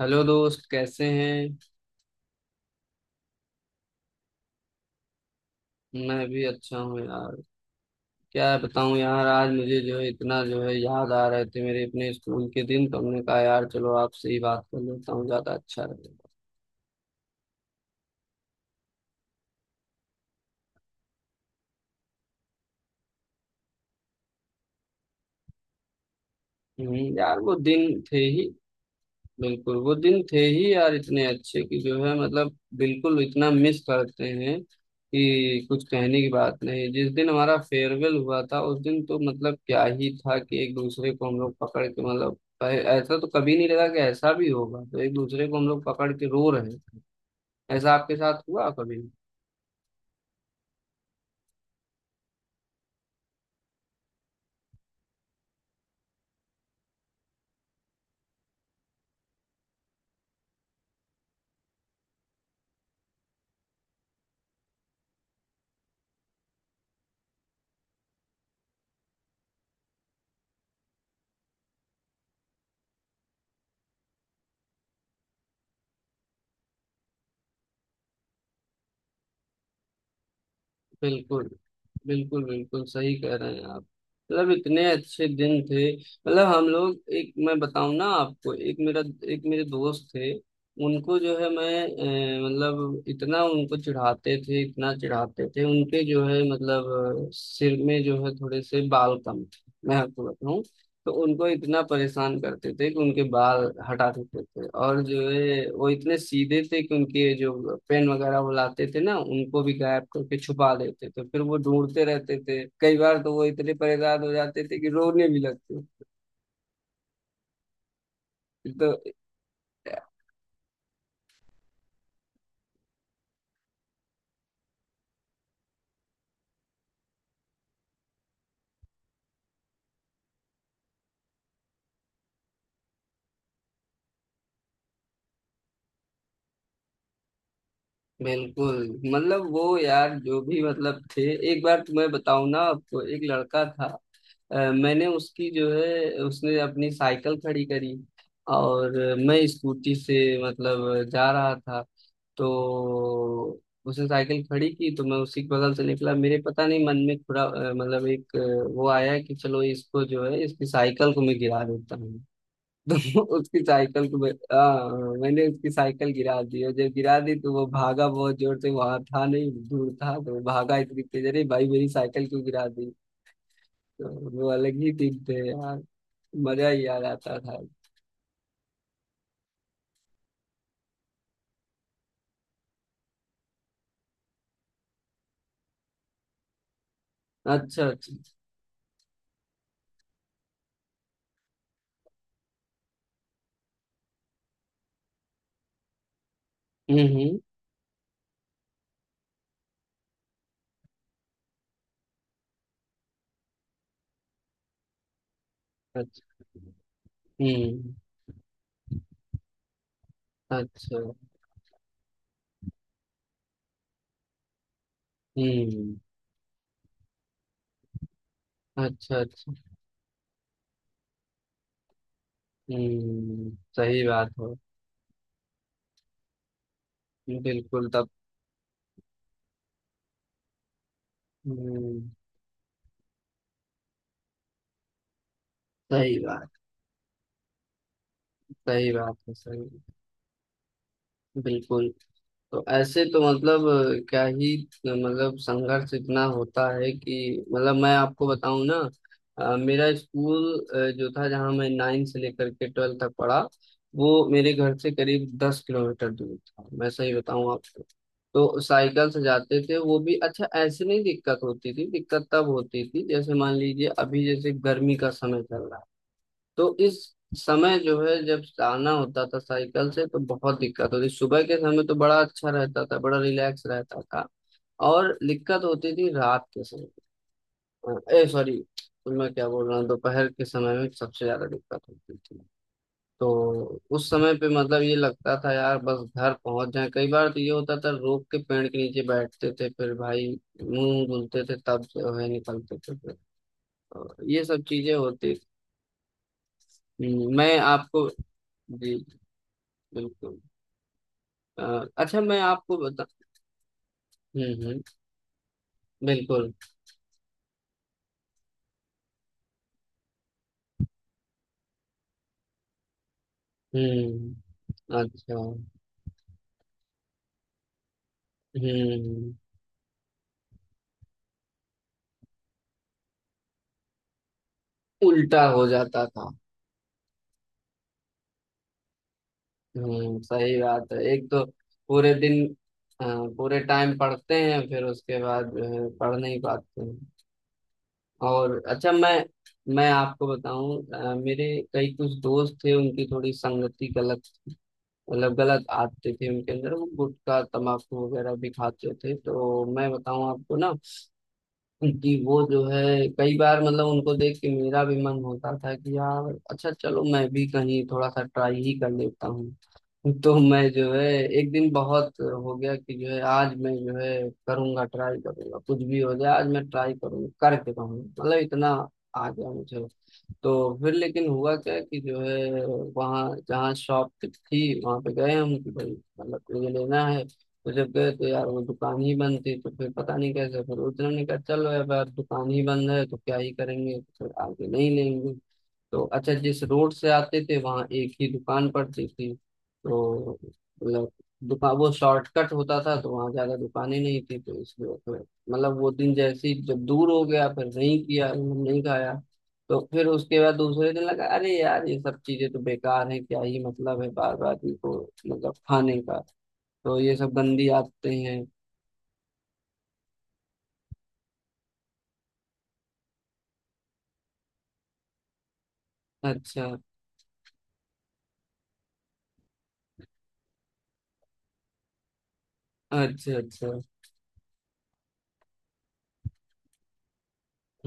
Hello दोस्त, कैसे हैं। मैं भी अच्छा हूँ यार। क्या बताऊँ यार, आज मुझे जो है इतना जो है याद आ रहे थे मेरे अपने स्कूल के दिन, तो हमने कहा यार चलो आपसे ही बात कर लेता हूँ, ज्यादा अच्छा रहेगा। यार वो दिन थे ही। बिल्कुल वो दिन थे ही यार, इतने अच्छे कि जो है मतलब बिल्कुल इतना मिस करते हैं कि कुछ कहने की बात नहीं। जिस दिन हमारा फेयरवेल हुआ था, उस दिन तो मतलब क्या ही था कि एक दूसरे को हम लोग पकड़ के मतलब ऐसा तो कभी नहीं लगा कि ऐसा भी होगा, तो एक दूसरे को हम लोग पकड़ के रो रहे थे। ऐसा आपके साथ हुआ कभी? बिल्कुल। बिल्कुल सही कह रहे हैं आप। मतलब इतने अच्छे दिन थे, मतलब हम लोग एक, मैं बताऊं ना आपको, एक मेरे दोस्त थे, उनको जो है, मैं मतलब इतना उनको चिढ़ाते थे, इतना चिढ़ाते थे, उनके जो है मतलब सिर में जो है थोड़े से बाल कम थे, मैं आपको बताऊं। तो उनको इतना परेशान करते थे कि उनके बाल हटा देते थे, और जो है वो इतने सीधे थे कि उनके जो पेन वगैरह वो लाते थे ना, उनको भी गायब करके छुपा देते थे, फिर वो ढूंढते रहते थे। कई बार तो वो इतने परेशान हो जाते थे कि रोने भी लगते थे। तो बिल्कुल। मतलब वो यार जो भी मतलब थे, एक बार तुम्हें बताऊं ना आपको, एक लड़का था। मैंने उसकी जो है, उसने अपनी साइकिल खड़ी करी, और मैं स्कूटी से मतलब जा रहा था। तो उसने साइकिल खड़ी की तो मैं उसी के बगल से निकला, मेरे पता नहीं मन में थोड़ा मतलब एक वो आया कि चलो इसको जो है, इसकी साइकिल को मैं गिरा देता हूँ। तो उसकी साइकिल को मैंने उसकी साइकिल गिरा दी। और जब गिरा दी तो वो भागा बहुत जोर से, वहां था नहीं, दूर था, तो वो भागा इतनी तेज, अरे भाई मेरी साइकिल क्यों गिरा दी? तो वो अलग ही दिन थे यार, मजा ही याद आता था। अच्छा अच्छा। हम्म। अच्छा। हम्म। अच्छा। हम्म। अच्छा अच्छा। हम्म, सही बात है। बिल्कुल तब। हम्म, सही बात। सही बात है सही। बिल्कुल। तो ऐसे तो मतलब क्या ही, मतलब संघर्ष इतना होता है कि मतलब मैं आपको बताऊं ना। मेरा स्कूल जो था, जहाँ मैं 9th से लेकर के 12th तक पढ़ा, वो मेरे घर से करीब 10 किलोमीटर दूर था, मैं सही बताऊं आपको। तो साइकिल से जाते थे, वो भी अच्छा, ऐसे नहीं दिक्कत होती थी। दिक्कत तब होती थी जैसे मान लीजिए अभी जैसे गर्मी का समय चल रहा है, तो इस समय जो है जब आना होता था साइकिल से तो बहुत दिक्कत होती। सुबह के समय तो बड़ा अच्छा रहता था, बड़ा रिलैक्स रहता था। और दिक्कत होती थी रात के समय, ए सॉरी, तो मैं क्या बोल रहा हूँ, दोपहर के समय में सबसे ज्यादा दिक्कत होती थी। तो उस समय पे मतलब ये लगता था यार बस घर पहुंच जाए। कई बार तो ये होता था, रोक के पेड़ के नीचे बैठते थे, फिर भाई मुंह धुलते थे, तब जो है निकलते थे फिर, और ये सब चीजें होती। मैं आपको, जी, बिल्कुल। अच्छा, मैं आपको बता, हम्म। बिल्कुल। हम्म। अच्छा। हम्म। उल्टा हो जाता था। हम्म, सही बात है। एक तो पूरे दिन, अ, पूरे टाइम पढ़ते हैं, फिर उसके बाद जो है, पढ़ नहीं पाते हैं। और अच्छा, मैं आपको बताऊं, मेरे कई कुछ दोस्त थे, उनकी थोड़ी संगति गलत, मतलब गलत आदतें थी उनके अंदर। वो गुटखा तंबाकू वगैरह भी खाते थे, तो मैं बताऊं आपको ना जी, वो जो है कई बार मतलब उनको देख के मेरा भी मन होता था कि यार अच्छा चलो मैं भी कहीं थोड़ा सा ट्राई ही कर लेता हूँ। तो मैं जो है एक दिन बहुत हो गया कि जो है आज मैं जो है करूँगा, ट्राई करूँगा, कुछ भी हो जाए आज मैं ट्राई करूँगा करके कहूँगा, मतलब इतना आ गया मुझे। तो फिर लेकिन हुआ क्या कि जो है, वहाँ जहाँ शॉप थी वहाँ पे गए हम कि भाई मतलब ये लेना है। तो जब गए तो यार वो दुकान ही बंद थी। तो फिर पता नहीं कैसे फिर उस दिन हमने कहा चलो अब यार दुकान ही बंद है तो क्या ही करेंगे, तो फिर आगे नहीं लेंगे। तो अच्छा, जिस रोड से आते थे वहाँ एक ही दुकान पड़ती थी, तो मतलब दुकान वो शॉर्टकट होता था, तो वहाँ ज्यादा दुकानें नहीं थी, तो इसलिए फिर मतलब वो दिन जैसे ही जब दूर हो गया, फिर नहीं किया, नहीं खाया। तो फिर उसके बाद दूसरे दिन लगा अरे यार ये सब चीजें तो बेकार हैं, क्या ही मतलब है बार बार इनको, मतलब खाने का। तो ये सब गंदी आदतें हैं। अच्छा अच्छा। अच्छा।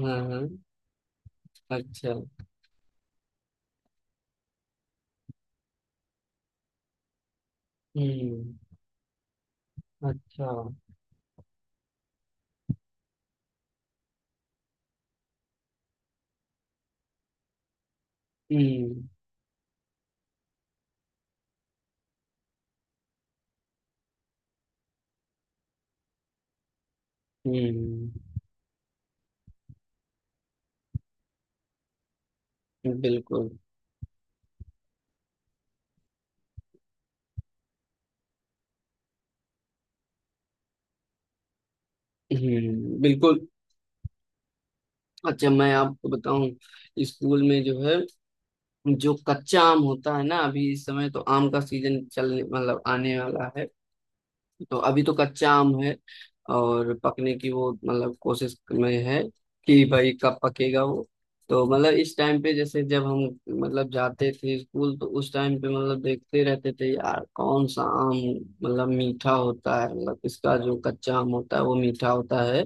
हाँ हाँ। अच्छा। हम्म। अच्छा। हम्म हम्म। बिल्कुल। हम्म। बिल्कुल। अच्छा, मैं आपको बताऊं, स्कूल में जो है, जो कच्चा आम होता है ना, अभी इस समय तो आम का सीजन चलने, मतलब आने वाला है। तो अभी तो कच्चा आम है और पकने की वो मतलब कोशिश में है कि भाई कब पकेगा वो। तो मतलब इस टाइम पे जैसे जब हम मतलब जाते थे स्कूल, तो उस टाइम पे मतलब देखते रहते थे यार कौन सा आम मतलब मीठा होता है, मतलब इसका जो कच्चा आम होता है वो मीठा होता है।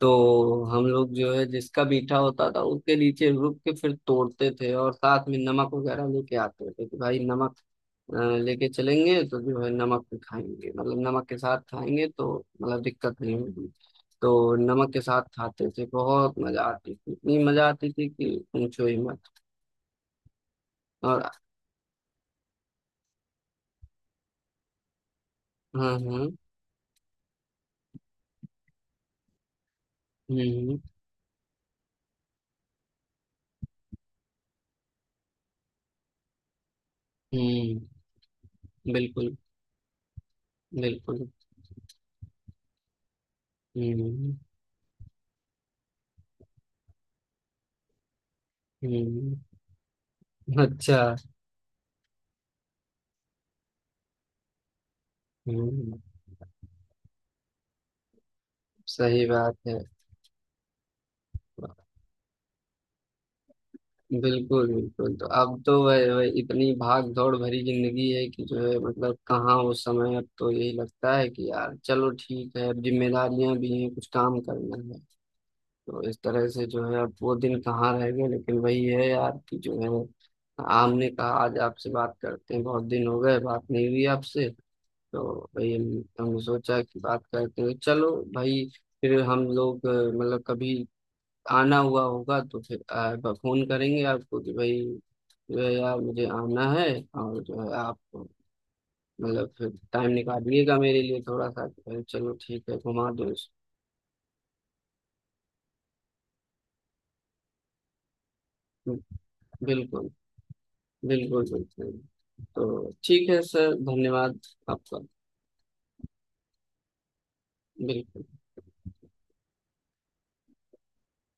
तो हम लोग जो है जिसका मीठा होता था उसके नीचे रुक के फिर तोड़ते थे, और साथ में नमक वगैरह लेके आते थे कि भाई नमक अ, लेके चलेंगे, तो जो है नमक भी खाएंगे, मतलब नमक के साथ खाएंगे तो मतलब दिक्कत नहीं होगी। तो नमक के साथ खाते थे, बहुत मजा आती थी, इतनी मजा आती थी कि पूछो ही मत। और हाँ हाँ। हम्म। हम्म, बिल्कुल। बिल्कुल। हम्म हम्म। अच्छा। हम्म, सही बात है। बिल्कुल बिल्कुल। तो अब तो वह इतनी भाग दौड़ भरी जिंदगी है कि जो है मतलब कहाँ वो समय। अब तो यही लगता है कि यार चलो ठीक है, अब जिम्मेदारियां भी हैं, कुछ काम करना है। तो इस तरह से जो है अब वो दिन कहाँ रह गए। लेकिन वही है यार कि जो है हमने कहा आज आपसे बात करते हैं, बहुत दिन हो गए बात नहीं हुई आपसे। तो वही हमने सोचा कि बात करते हैं, चलो भाई। फिर हम लोग मतलब कभी आना हुआ होगा तो फिर फोन करेंगे आपको कि भाई जो है यार मुझे आना है, और जो है आप मतलब फिर टाइम निकालिएगा मेरे लिए थोड़ा सा, अरे चलो ठीक है घुमा दो इसको। बिल्कुल बिल्कुल बिल्कुल। तो ठीक है सर, धन्यवाद आपका। बिल्कुल।